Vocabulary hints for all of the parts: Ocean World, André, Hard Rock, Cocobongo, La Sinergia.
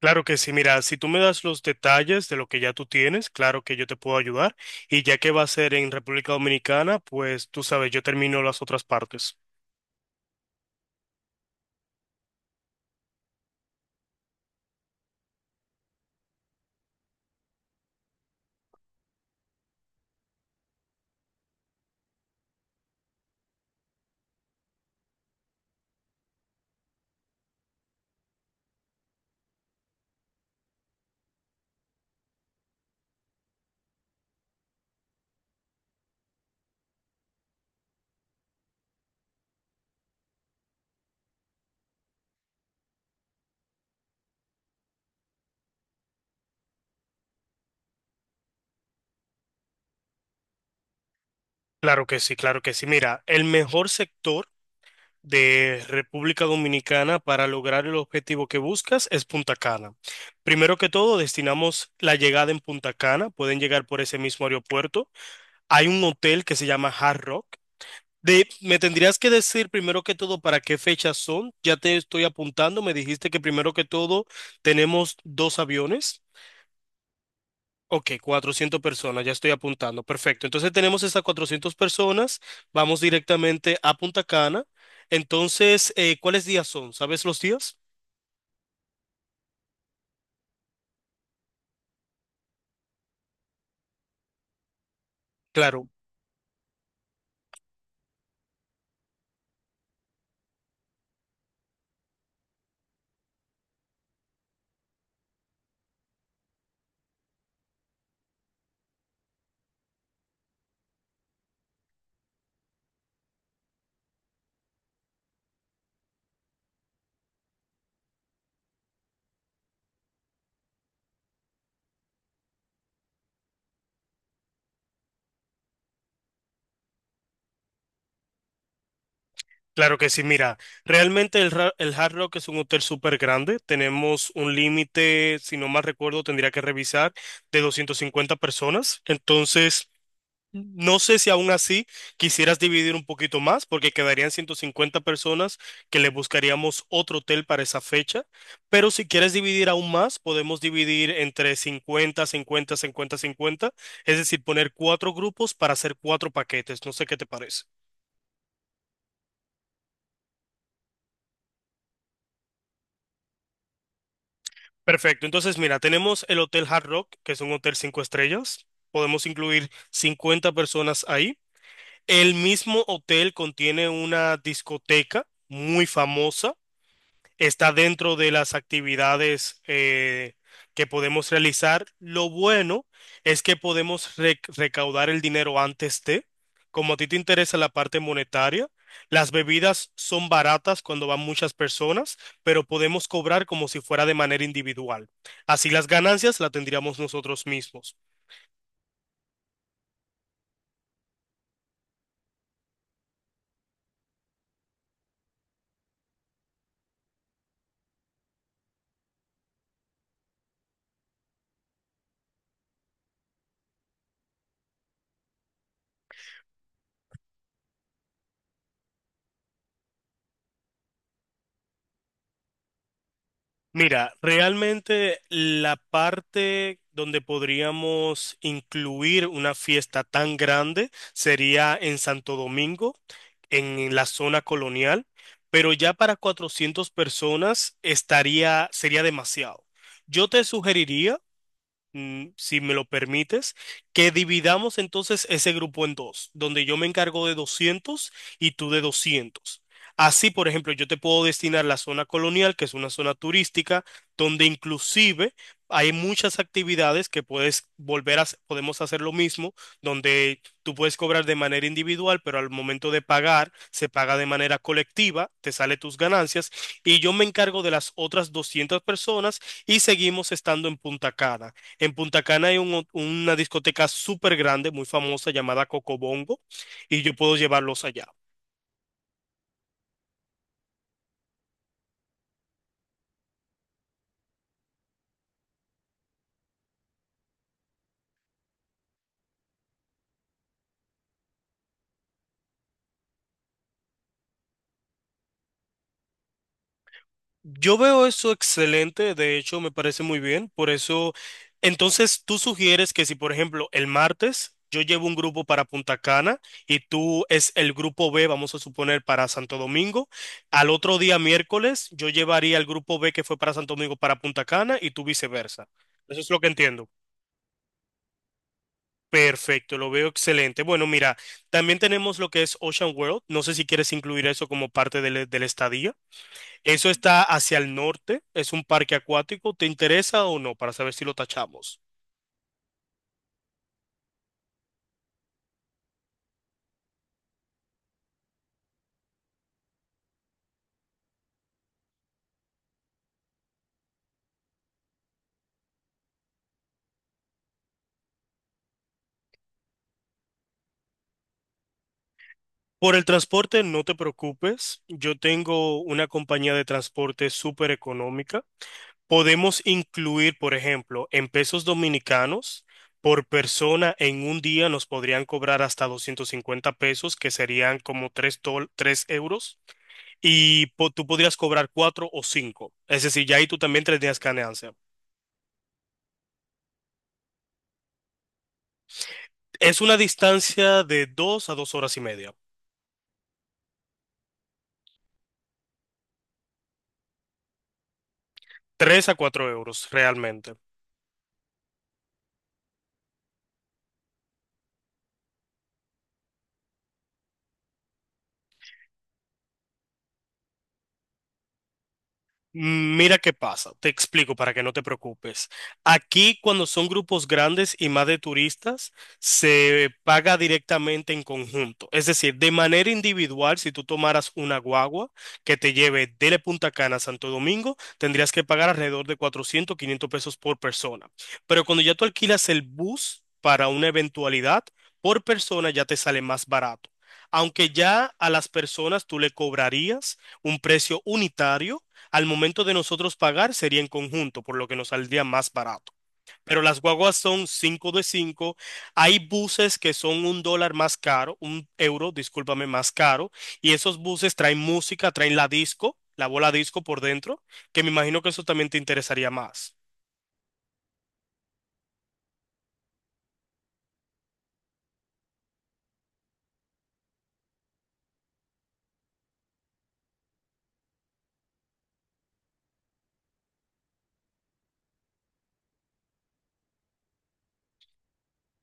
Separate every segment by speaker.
Speaker 1: Claro que sí, mira, si tú me das los detalles de lo que ya tú tienes, claro que yo te puedo ayudar. Y ya que va a ser en República Dominicana, pues tú sabes, yo termino las otras partes. Claro que sí, claro que sí. Mira, el mejor sector de República Dominicana para lograr el objetivo que buscas es Punta Cana. Primero que todo, destinamos la llegada en Punta Cana. Pueden llegar por ese mismo aeropuerto. Hay un hotel que se llama Hard Rock. De, me tendrías que decir primero que todo para qué fechas son. Ya te estoy apuntando. Me dijiste que primero que todo tenemos dos aviones. Ok, 400 personas, ya estoy apuntando. Perfecto. Entonces tenemos esas 400 personas. Vamos directamente a Punta Cana. Entonces, ¿cuáles días son? ¿Sabes los días? Claro, claro que sí. Mira, realmente el Hard Rock es un hotel súper grande. Tenemos un límite, si no mal recuerdo, tendría que revisar, de 250 personas. Entonces, no sé si aún así quisieras dividir un poquito más, porque quedarían 150 personas que le buscaríamos otro hotel para esa fecha, pero si quieres dividir aún más, podemos dividir entre 50, 50, 50, 50. Es decir, poner cuatro grupos para hacer cuatro paquetes, no sé qué te parece. Perfecto, entonces mira, tenemos el Hotel Hard Rock, que es un hotel cinco estrellas, podemos incluir 50 personas ahí. El mismo hotel contiene una discoteca muy famosa, está dentro de las actividades que podemos realizar. Lo bueno es que podemos recaudar el dinero antes de, como a ti te interesa la parte monetaria, las bebidas son baratas cuando van muchas personas, pero podemos cobrar como si fuera de manera individual. Así las ganancias las tendríamos nosotros mismos. Mira, realmente la parte donde podríamos incluir una fiesta tan grande sería en Santo Domingo, en la zona colonial, pero ya para 400 personas estaría, sería demasiado. Yo te sugeriría, si me lo permites, que dividamos entonces ese grupo en dos, donde yo me encargo de 200 y tú de 200. Así, por ejemplo, yo te puedo destinar la zona colonial, que es una zona turística, donde inclusive hay muchas actividades que puedes volver a podemos hacer lo mismo, donde tú puedes cobrar de manera individual, pero al momento de pagar, se paga de manera colectiva, te sale tus ganancias, y yo me encargo de las otras 200 personas y seguimos estando en Punta Cana. En Punta Cana hay una discoteca súper grande, muy famosa, llamada Cocobongo, y yo puedo llevarlos allá. Yo veo eso excelente, de hecho me parece muy bien, por eso, entonces tú sugieres que si, por ejemplo, el martes yo llevo un grupo para Punta Cana y tú es el grupo B, vamos a suponer, para Santo Domingo, al otro día miércoles yo llevaría el grupo B que fue para Santo Domingo para Punta Cana y tú viceversa. Eso es lo que entiendo. Perfecto, lo veo excelente. Bueno, mira, también tenemos lo que es Ocean World. No sé si quieres incluir eso como parte del estadía. Eso está hacia el norte, es un parque acuático. ¿Te interesa o no? Para saber si lo tachamos. Por el transporte, no te preocupes. Yo tengo una compañía de transporte súper económica. Podemos incluir, por ejemplo, en pesos dominicanos, por persona en un día nos podrían cobrar hasta 250 pesos, que serían como 3, 3 euros. Y tú podrías cobrar cuatro o cinco. Es decir, ya ahí tú también tendrías ganancia. Es una distancia de dos a dos horas y media, tres a cuatro euros realmente. Mira qué pasa, te explico para que no te preocupes. Aquí cuando son grupos grandes y más de turistas, se paga directamente en conjunto. Es decir, de manera individual, si tú tomaras una guagua que te lleve de Punta Cana a Santo Domingo, tendrías que pagar alrededor de 400 500 pesos por persona. Pero cuando ya tú alquilas el bus para una eventualidad, por persona ya te sale más barato. Aunque ya a las personas tú le cobrarías un precio unitario, al momento de nosotros pagar sería en conjunto, por lo que nos saldría más barato. Pero las guaguas son 5 de 5. Hay buses que son un dólar más caro, un euro, discúlpame, más caro. Y esos buses traen música, traen la disco, la bola disco por dentro, que me imagino que eso también te interesaría más.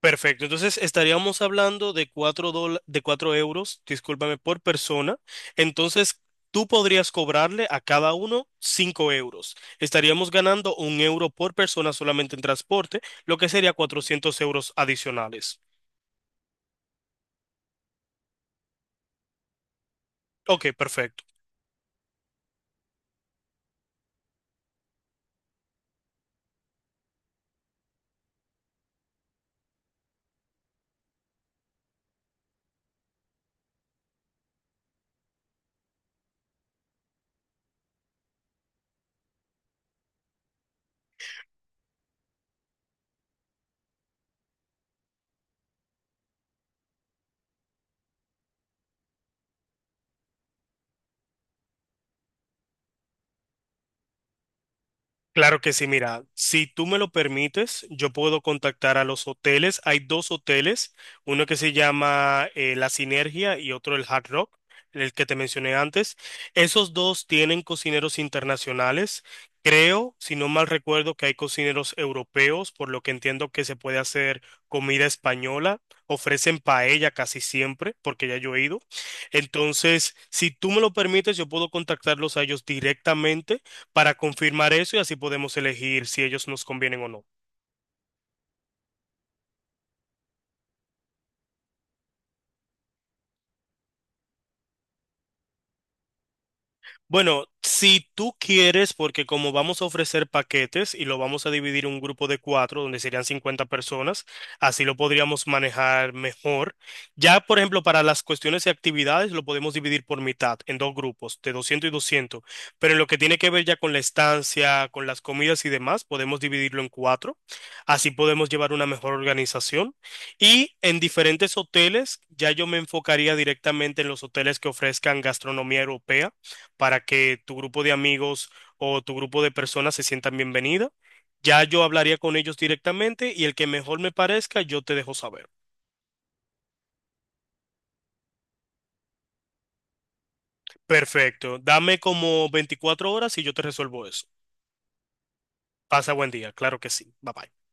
Speaker 1: Perfecto, entonces estaríamos hablando de de 4 euros, discúlpame, por persona. Entonces tú podrías cobrarle a cada uno 5 euros. Estaríamos ganando un euro por persona solamente en transporte, lo que sería 400 euros adicionales. Ok, perfecto. Claro que sí, mira, si tú me lo permites, yo puedo contactar a los hoteles. Hay dos hoteles, uno que se llama La Sinergia y otro el Hard Rock, el que te mencioné antes. Esos dos tienen cocineros internacionales. Creo, si no mal recuerdo, que hay cocineros europeos, por lo que entiendo que se puede hacer comida española. Ofrecen paella casi siempre, porque ya yo he ido. Entonces, si tú me lo permites, yo puedo contactarlos a ellos directamente para confirmar eso y así podemos elegir si ellos nos convienen o no. Bueno, si tú quieres, porque como vamos a ofrecer paquetes y lo vamos a dividir en un grupo de cuatro, donde serían 50 personas, así lo podríamos manejar mejor. Ya, por ejemplo, para las cuestiones y actividades, lo podemos dividir por mitad, en dos grupos, de 200 y 200. Pero en lo que tiene que ver ya con la estancia, con las comidas y demás, podemos dividirlo en cuatro. Así podemos llevar una mejor organización. Y en diferentes hoteles, ya yo me enfocaría directamente en los hoteles que ofrezcan gastronomía europea para que tu grupo de amigos o tu grupo de personas se sientan bienvenidos. Ya yo hablaría con ellos directamente y el que mejor me parezca, yo te dejo saber. Perfecto. Dame como 24 horas y yo te resuelvo eso. Pasa buen día. Claro que sí. Bye bye.